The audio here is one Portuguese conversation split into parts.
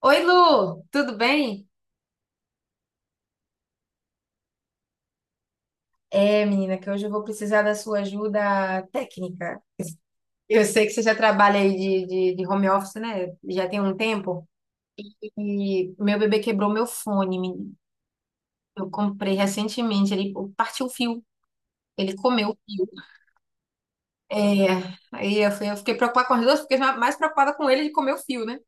Oi, Lu, tudo bem? É, menina, que hoje eu vou precisar da sua ajuda técnica. Eu sei que você já trabalha aí de home office, né? Já tem um tempo. E meu bebê quebrou meu fone, menina. Eu comprei recentemente, ele partiu o fio, ele comeu o fio. É, eu fiquei preocupada com as duas, porque eu fiquei mais preocupada com ele de comer o fio, né?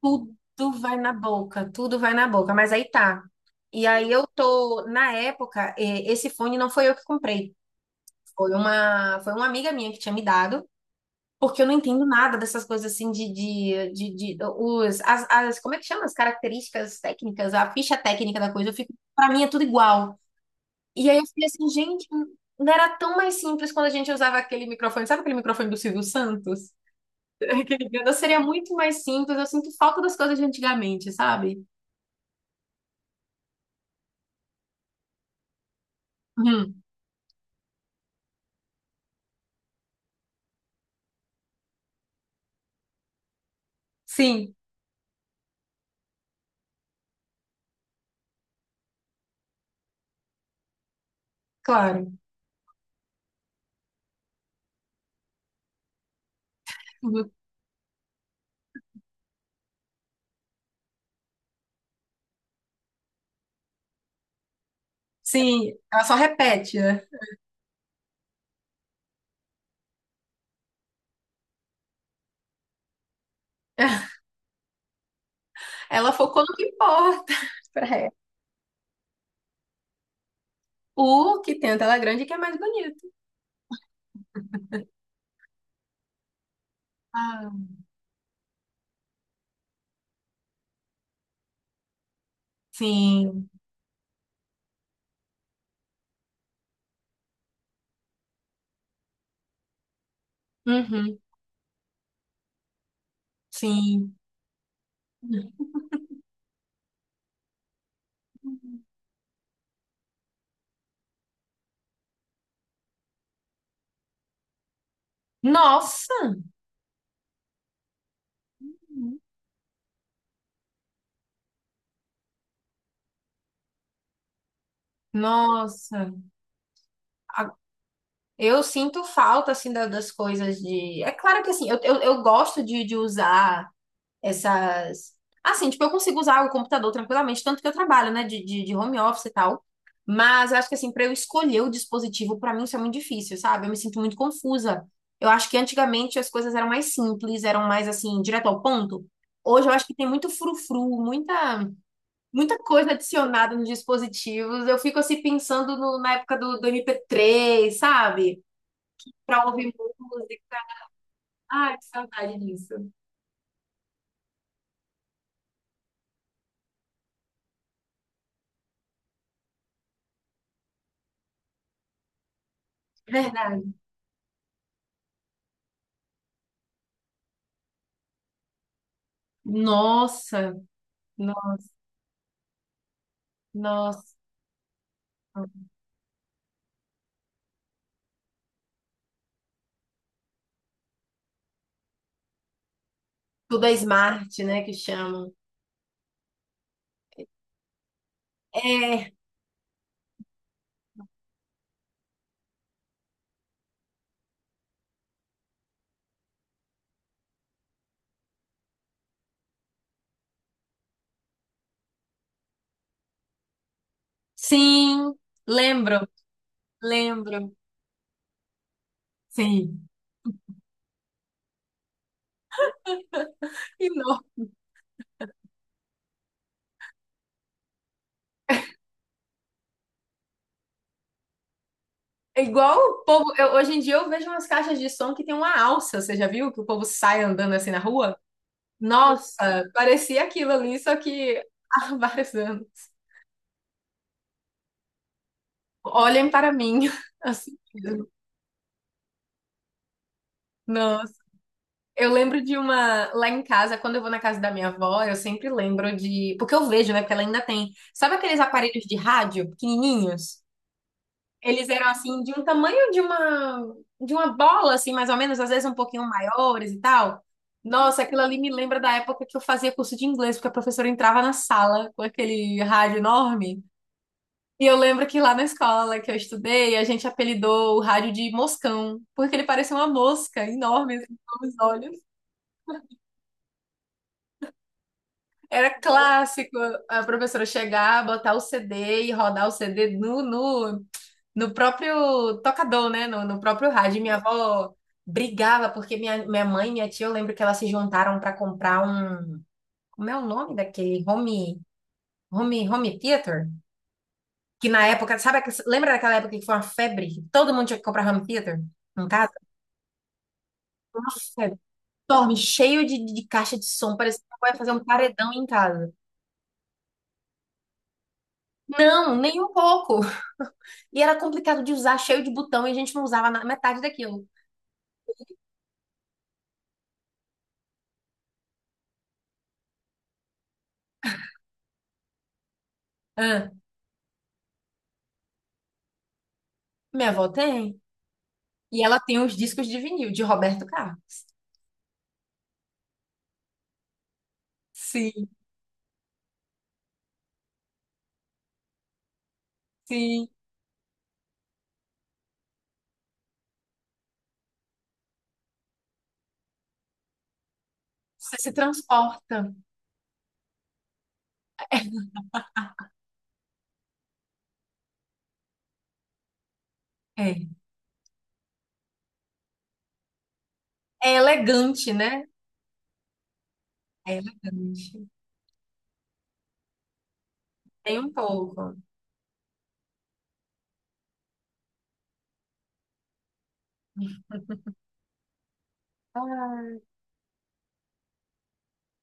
Tudo vai na boca, tudo vai na boca, mas aí tá. E aí eu tô, na época, esse fone não foi eu que comprei. Foi uma amiga minha que tinha me dado, porque eu não entendo nada dessas coisas assim os, as, como é que chama? As características técnicas, a ficha técnica da coisa. Eu fico, pra mim é tudo igual. E aí eu fiquei assim, gente, não era tão mais simples quando a gente usava aquele microfone. Sabe aquele microfone do Silvio Santos? Aquele grande, seria muito mais simples. Eu sinto falta das coisas de antigamente, sabe? Uhum. Sim, claro. Uhum. Sim, ela só repete, né? Ela focou no que importa pra o que tem a tela grande que é mais bonito. Ah, sim. Uhum, sim. Nossa, nossa. A- Eu sinto falta, assim, da- das coisas de... É claro que, assim, eu gosto de usar essas. Assim, tipo, eu consigo usar o computador tranquilamente, tanto que eu trabalho, né, de home office e tal. Mas eu acho que, assim, para eu escolher o dispositivo, para mim isso é muito difícil, sabe? Eu me sinto muito confusa. Eu acho que antigamente as coisas eram mais simples, eram mais, assim, direto ao ponto. Hoje eu acho que tem muito frufru, muita, muita coisa adicionada nos dispositivos. Eu fico, assim, pensando no- na época do MP3, sabe? Para ouvir música. Ai, que saudade disso. Verdade. Nossa, no- nossa. Tudo é smart, né, que chamam. É, sim, lembro, lembro. Sim. E não. É igual o povo. Hoje em dia eu vejo umas caixas de som que tem uma alça. Você já viu que o povo sai andando assim na rua? Nossa, parecia aquilo ali, só que há vários anos. Olhem para mim. Assim, mesmo. Nossa. Eu lembro de uma lá em casa, quando eu vou na casa da minha avó, eu sempre lembro de. Porque eu vejo, né? Porque ela ainda tem. Sabe aqueles aparelhos de rádio pequenininhos? Eles eram assim de um tamanho de uma bola assim, mais ou menos, às vezes um pouquinho maiores e tal. Nossa, aquilo ali me lembra da época que eu fazia curso de inglês, porque a professora entrava na sala com aquele rádio enorme. E eu lembro que lá na escola que eu estudei, a gente apelidou o rádio de moscão, porque ele parecia uma mosca enorme assim, com os olhos. Era clássico a professora chegar, botar o CD e rodar o CD no próprio tocador, né? No próprio rádio. E minha avó brigava porque minha mãe e minha tia, eu lembro que elas se juntaram para comprar um. Como é o nome daquele? Home theater? Que na época, sabe, lembra daquela época que foi uma febre? Que todo mundo tinha que comprar home theater em casa? Uma febre enorme, cheio de, de caixa de som, parecia que ia fazer um paredão em casa. Não, nem um pouco. E era complicado de usar, cheio de botão, e a gente não usava na metade daquilo. Ah, minha avó tem. E ela tem os discos de vinil de Roberto Carlos. Sim, sim. Você se transporta. É. É elegante, né? É elegante. Tem um pouco. Ah,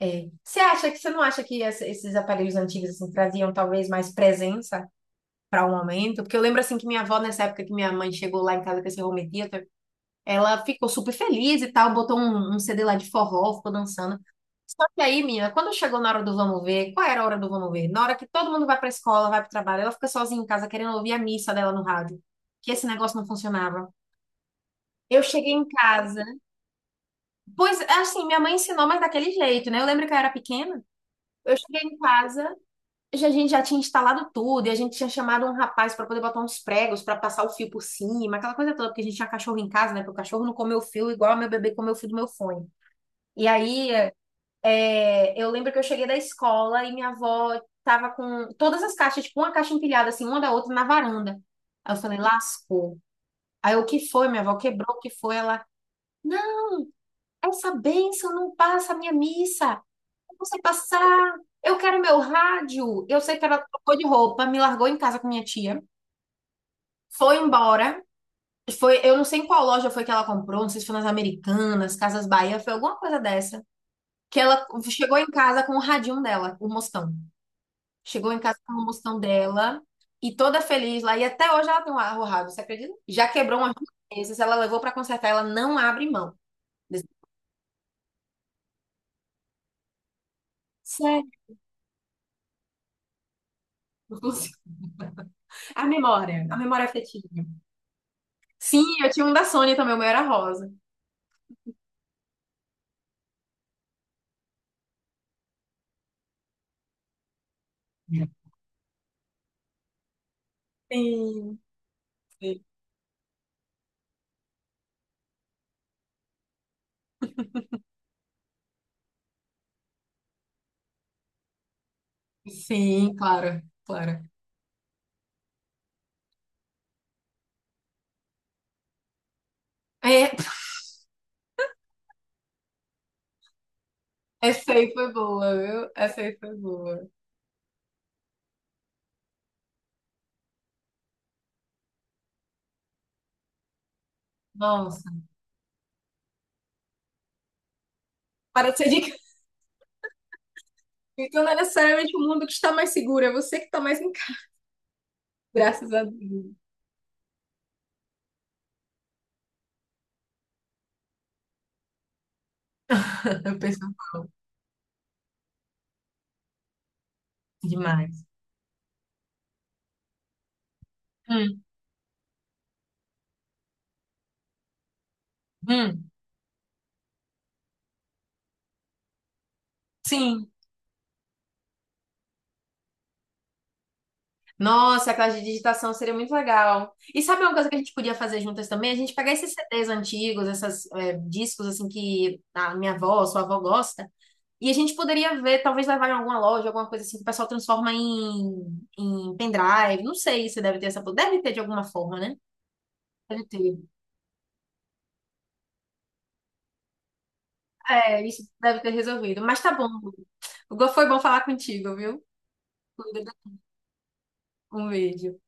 é. Você acha que você não acha que esses aparelhos antigos assim, traziam talvez mais presença para o momento? Porque eu lembro assim que minha avó, nessa época que minha mãe chegou lá em casa com esse home ela ficou super feliz e tal, botou um, um CD lá de forró, ficou dançando. Só que aí, menina, quando chegou na hora do vamos ver, qual era a hora do vamos ver? Na hora que todo mundo vai pra escola, vai pro trabalho, ela fica sozinha em casa querendo ouvir a missa dela no rádio, que esse negócio não funcionava. Eu cheguei em casa, pois assim, minha mãe ensinou, mas daquele jeito, né? Eu lembro que eu era pequena, eu cheguei em casa, a gente já tinha instalado tudo, e a gente tinha chamado um rapaz para poder botar uns pregos para passar o fio por cima, aquela coisa toda, porque a gente tinha cachorro em casa, né? Porque o cachorro não comeu o fio igual meu bebê comeu o fio do meu fone. E aí, é, eu lembro que eu cheguei da escola e minha avó tava com todas as caixas, tipo, uma caixa empilhada, assim, uma da outra na varanda. Aí eu falei, lascou. Aí eu, o que foi? Minha avó quebrou, o que foi? Ela, não, essa bênção não passa a minha missa. Eu não sei passar. Eu quero meu rádio. Eu sei que ela trocou de roupa, me largou em casa com minha tia, foi embora. Foi, eu não sei em qual loja foi que ela comprou, não sei se foi nas Americanas, Casas Bahia, foi alguma coisa dessa. Que ela chegou em casa com o radinho dela, o Mostão. Chegou em casa com a promoção dela e toda feliz lá. E até hoje ela tem um arrorrado, você acredita? Já quebrou umas duas vezes, ela levou pra consertar, ela não abre mão. Sério, inclusive. A memória, a memória afetiva. Sim, eu tinha um da Sônia também, o meu era rosa. Sim, sim, sim, claro, claro. É, essa aí foi boa, viu? Essa aí foi boa. Nossa, para de ser de casa. Então não é necessariamente o mundo que está mais seguro, é você que está mais em casa. Graças a Deus. Eu penso demais. Hum, sim. Nossa, a classe de digitação seria muito legal. E sabe uma coisa que a gente podia fazer juntas também? A gente pegar esses CDs antigos, esses discos assim que a minha avó, sua avó gosta, e a gente poderia ver, talvez levar em alguma loja, alguma coisa assim que o pessoal transforma em, em pendrive. Não sei se deve ter essa. Deve ter de alguma forma, né? Deve ter. É, isso deve ter resolvido. Mas tá bom. Foi bom falar contigo, viu? Um beijo.